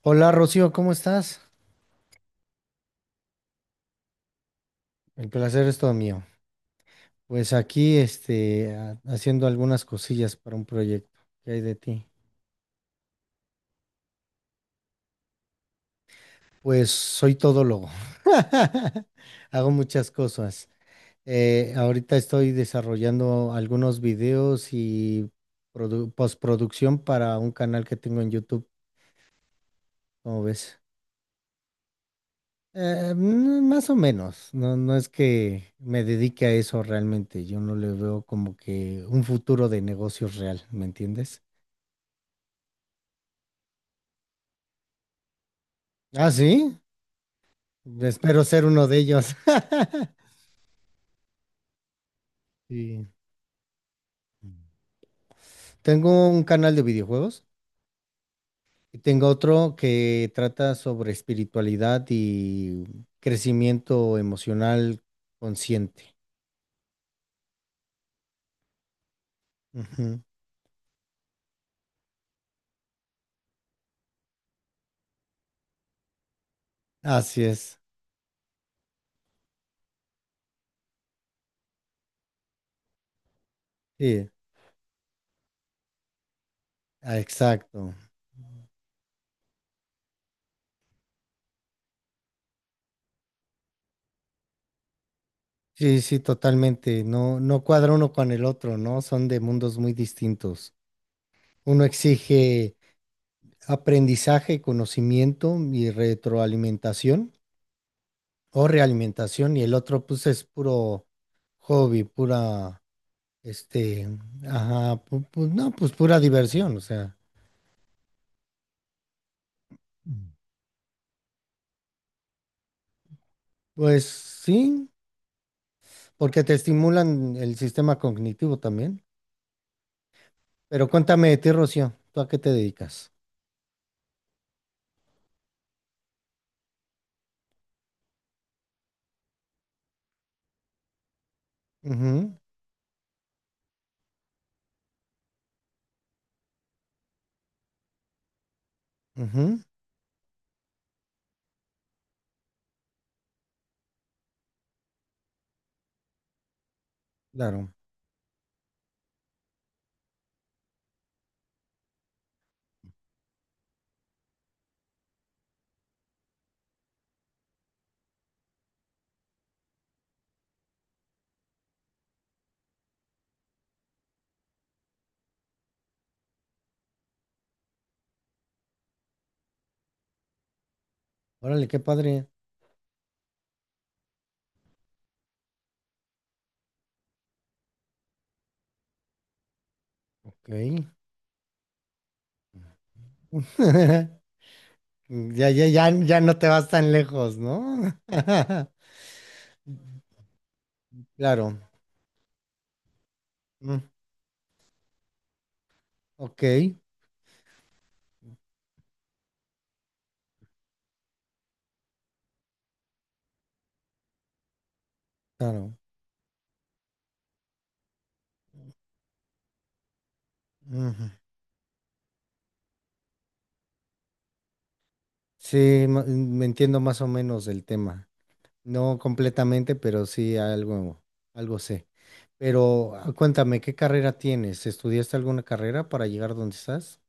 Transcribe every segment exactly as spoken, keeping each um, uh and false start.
Hola Rocío, ¿cómo estás? El placer es todo mío. Pues aquí, este, a- haciendo algunas cosillas para un proyecto. ¿Qué hay de ti? Pues soy todólogo. Hago muchas cosas. Eh, ahorita estoy desarrollando algunos videos y produ- postproducción para un canal que tengo en YouTube, ¿cómo ves? Eh, mm, más o menos. No, no es que me dedique a eso realmente. Yo no le veo como que un futuro de negocios real, ¿me entiendes? Ah, sí. Espero ser uno de ellos. Sí. Tengo un canal de videojuegos y tengo otro que trata sobre espiritualidad y crecimiento emocional consciente. Ujú. Así es. Sí, ah, exacto. Sí, sí, totalmente. No, no cuadra uno con el otro, ¿no? Son de mundos muy distintos. Uno exige aprendizaje, conocimiento y retroalimentación o realimentación, y el otro pues es puro hobby, pura, este, ajá, pu- pu- no, pues pura diversión, o sea, Mm. Pues sí, porque te estimulan el sistema cognitivo también. Pero cuéntame de ti, Rocío, ¿tú a qué te dedicas? Ujú, ujú, claro. Órale, qué padre. Ok. Ya, ya, ya, ya no te vas tan lejos, ¿no? Claro. mm, Ok, claro. Ujú. Sí, ma- me entiendo más o menos del tema. No completamente, pero sí algo, algo sé. Pero ah, cuéntame, ¿qué carrera tienes? ¿Estudiaste alguna carrera para llegar donde estás?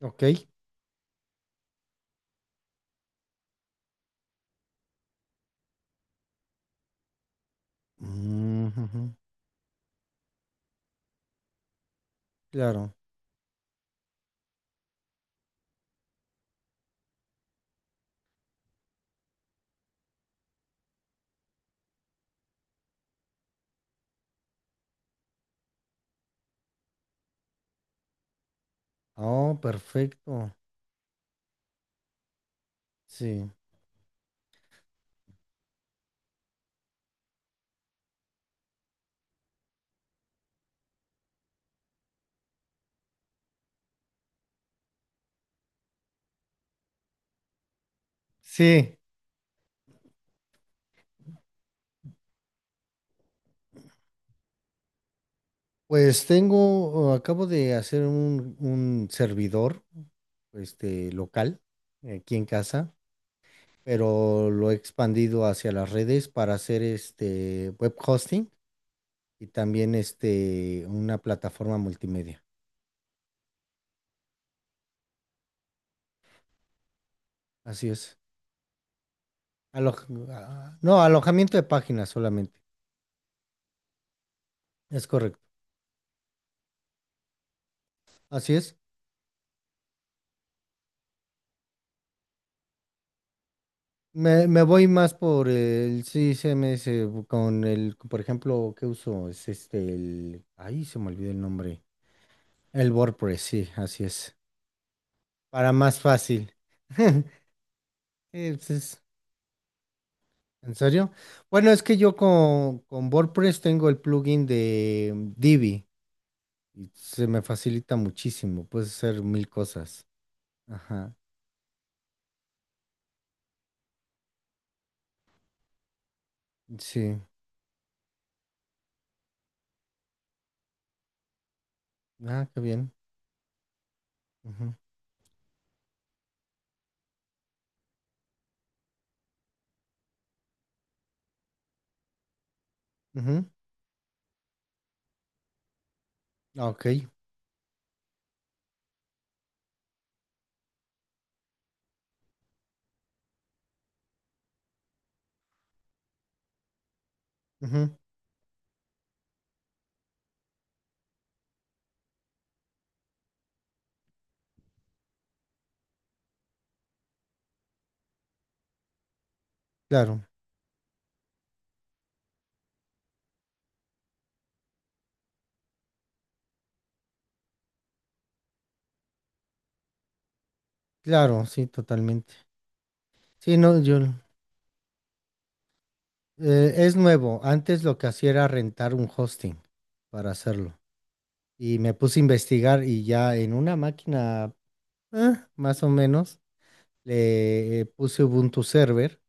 Ok. Mm, ujú, claro. Oh, perfecto. Sí. Sí, pues tengo, acabo de hacer un, un servidor, este, local, aquí en casa, pero lo he expandido hacia las redes para hacer este web hosting, y también este, una plataforma multimedia. Así es. Aloj- ah, no, alojamiento de páginas solamente. Es correcto. Así es. Me, me voy más por el C M S con el, por ejemplo, ¿qué uso? Es este, el, ahí se me olvidó el nombre. El WordPress, sí, así es. Para más fácil. Eh, pues es- ¿En serio? Bueno, es que yo con, con WordPress tengo el plugin de Divi, y se me facilita muchísimo. Puedes hacer mil cosas. Ajá. Sí. Ah, qué bien. Ujú, ujú, ah, ok. Ujú, claro. Claro, sí, totalmente. Sí, no, yo. Eh, es nuevo. Antes lo que hacía era rentar un hosting para hacerlo. Y me puse a investigar y ya en una máquina, eh, más o menos, le eh, puse Ubuntu Server,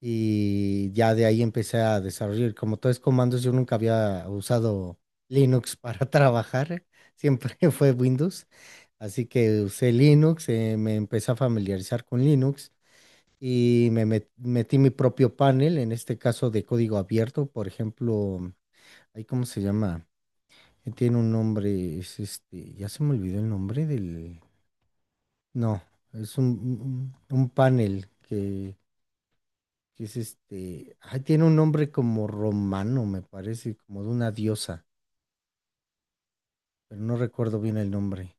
y ya de ahí empecé a desarrollar. Como todo es comandos, yo nunca había usado Linux para trabajar, siempre fue Windows. Así que usé Linux, eh, me empecé a familiarizar con Linux, y me met- metí mi propio panel, en este caso de código abierto. Por ejemplo, ahí cómo se llama. Eh, tiene un nombre, es este, ya se me olvidó el nombre del, no, es un, un un panel que que es este, ay, tiene un nombre como romano, me parece, como de una diosa, pero no recuerdo bien el nombre.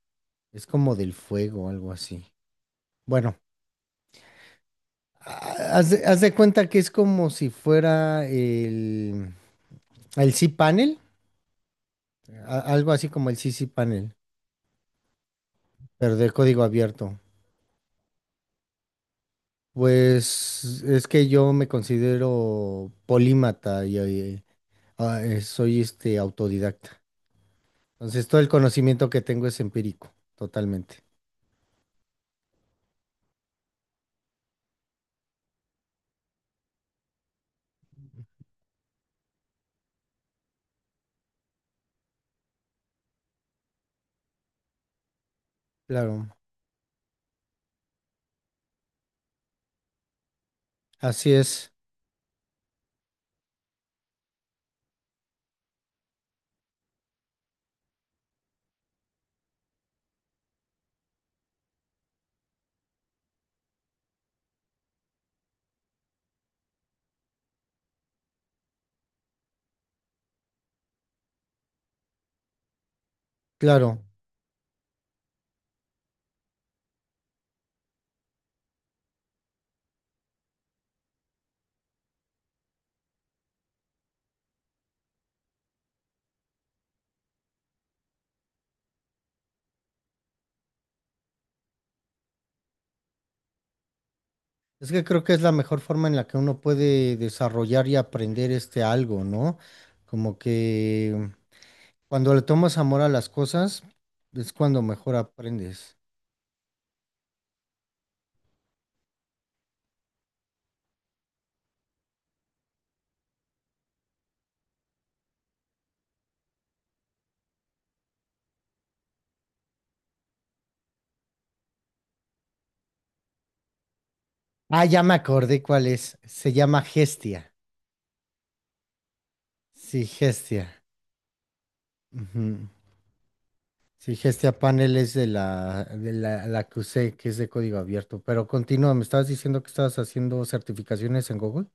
Es como del fuego o algo así. Bueno, ha- haz de, haz de cuenta que es como si fuera el, el cPanel, a- algo así como el ccPanel, pero de código abierto. Pues es que yo me considero polímata y eh, ah, eh, soy este autodidacta. Entonces todo el conocimiento que tengo es empírico, totalmente. Claro. Así es, claro. Es que creo que es la mejor forma en la que uno puede desarrollar y aprender este algo, ¿no? Como que cuando le tomas amor a las cosas, es cuando mejor aprendes. Ah, ya me acordé cuál es. Se llama Gestia. Sí, Gestia. Ujú. Sí, Gestia Panel es de la, de la, la que usé, que es de código abierto. Pero continúa, me estabas diciendo que estabas haciendo certificaciones en Google.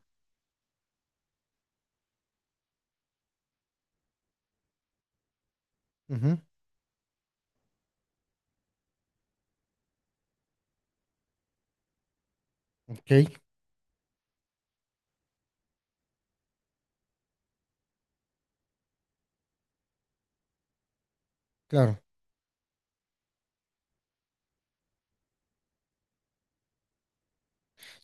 Ujú, ok, claro.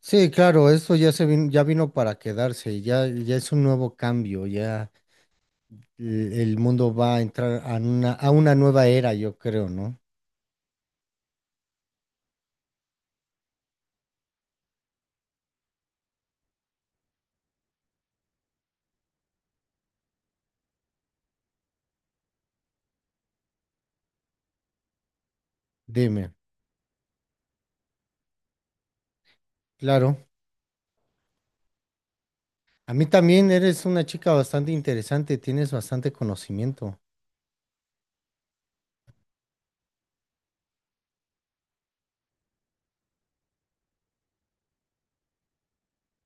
Sí, claro, eso ya se vin- ya vino para quedarse, ya, ya es un nuevo cambio, ya el, el mundo va a entrar a una, a una nueva era, yo creo, ¿no? Dime, claro. A mí también, eres una chica bastante interesante, tienes bastante conocimiento.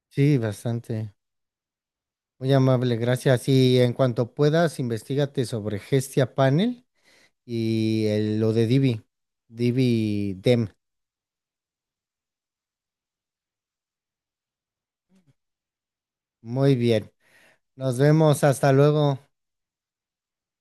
Sí, bastante. Muy amable, gracias. Y en cuanto puedas, investigate sobre Gestia Panel y el- lo de Divi, Divi Dem. Muy bien. Nos vemos, hasta luego.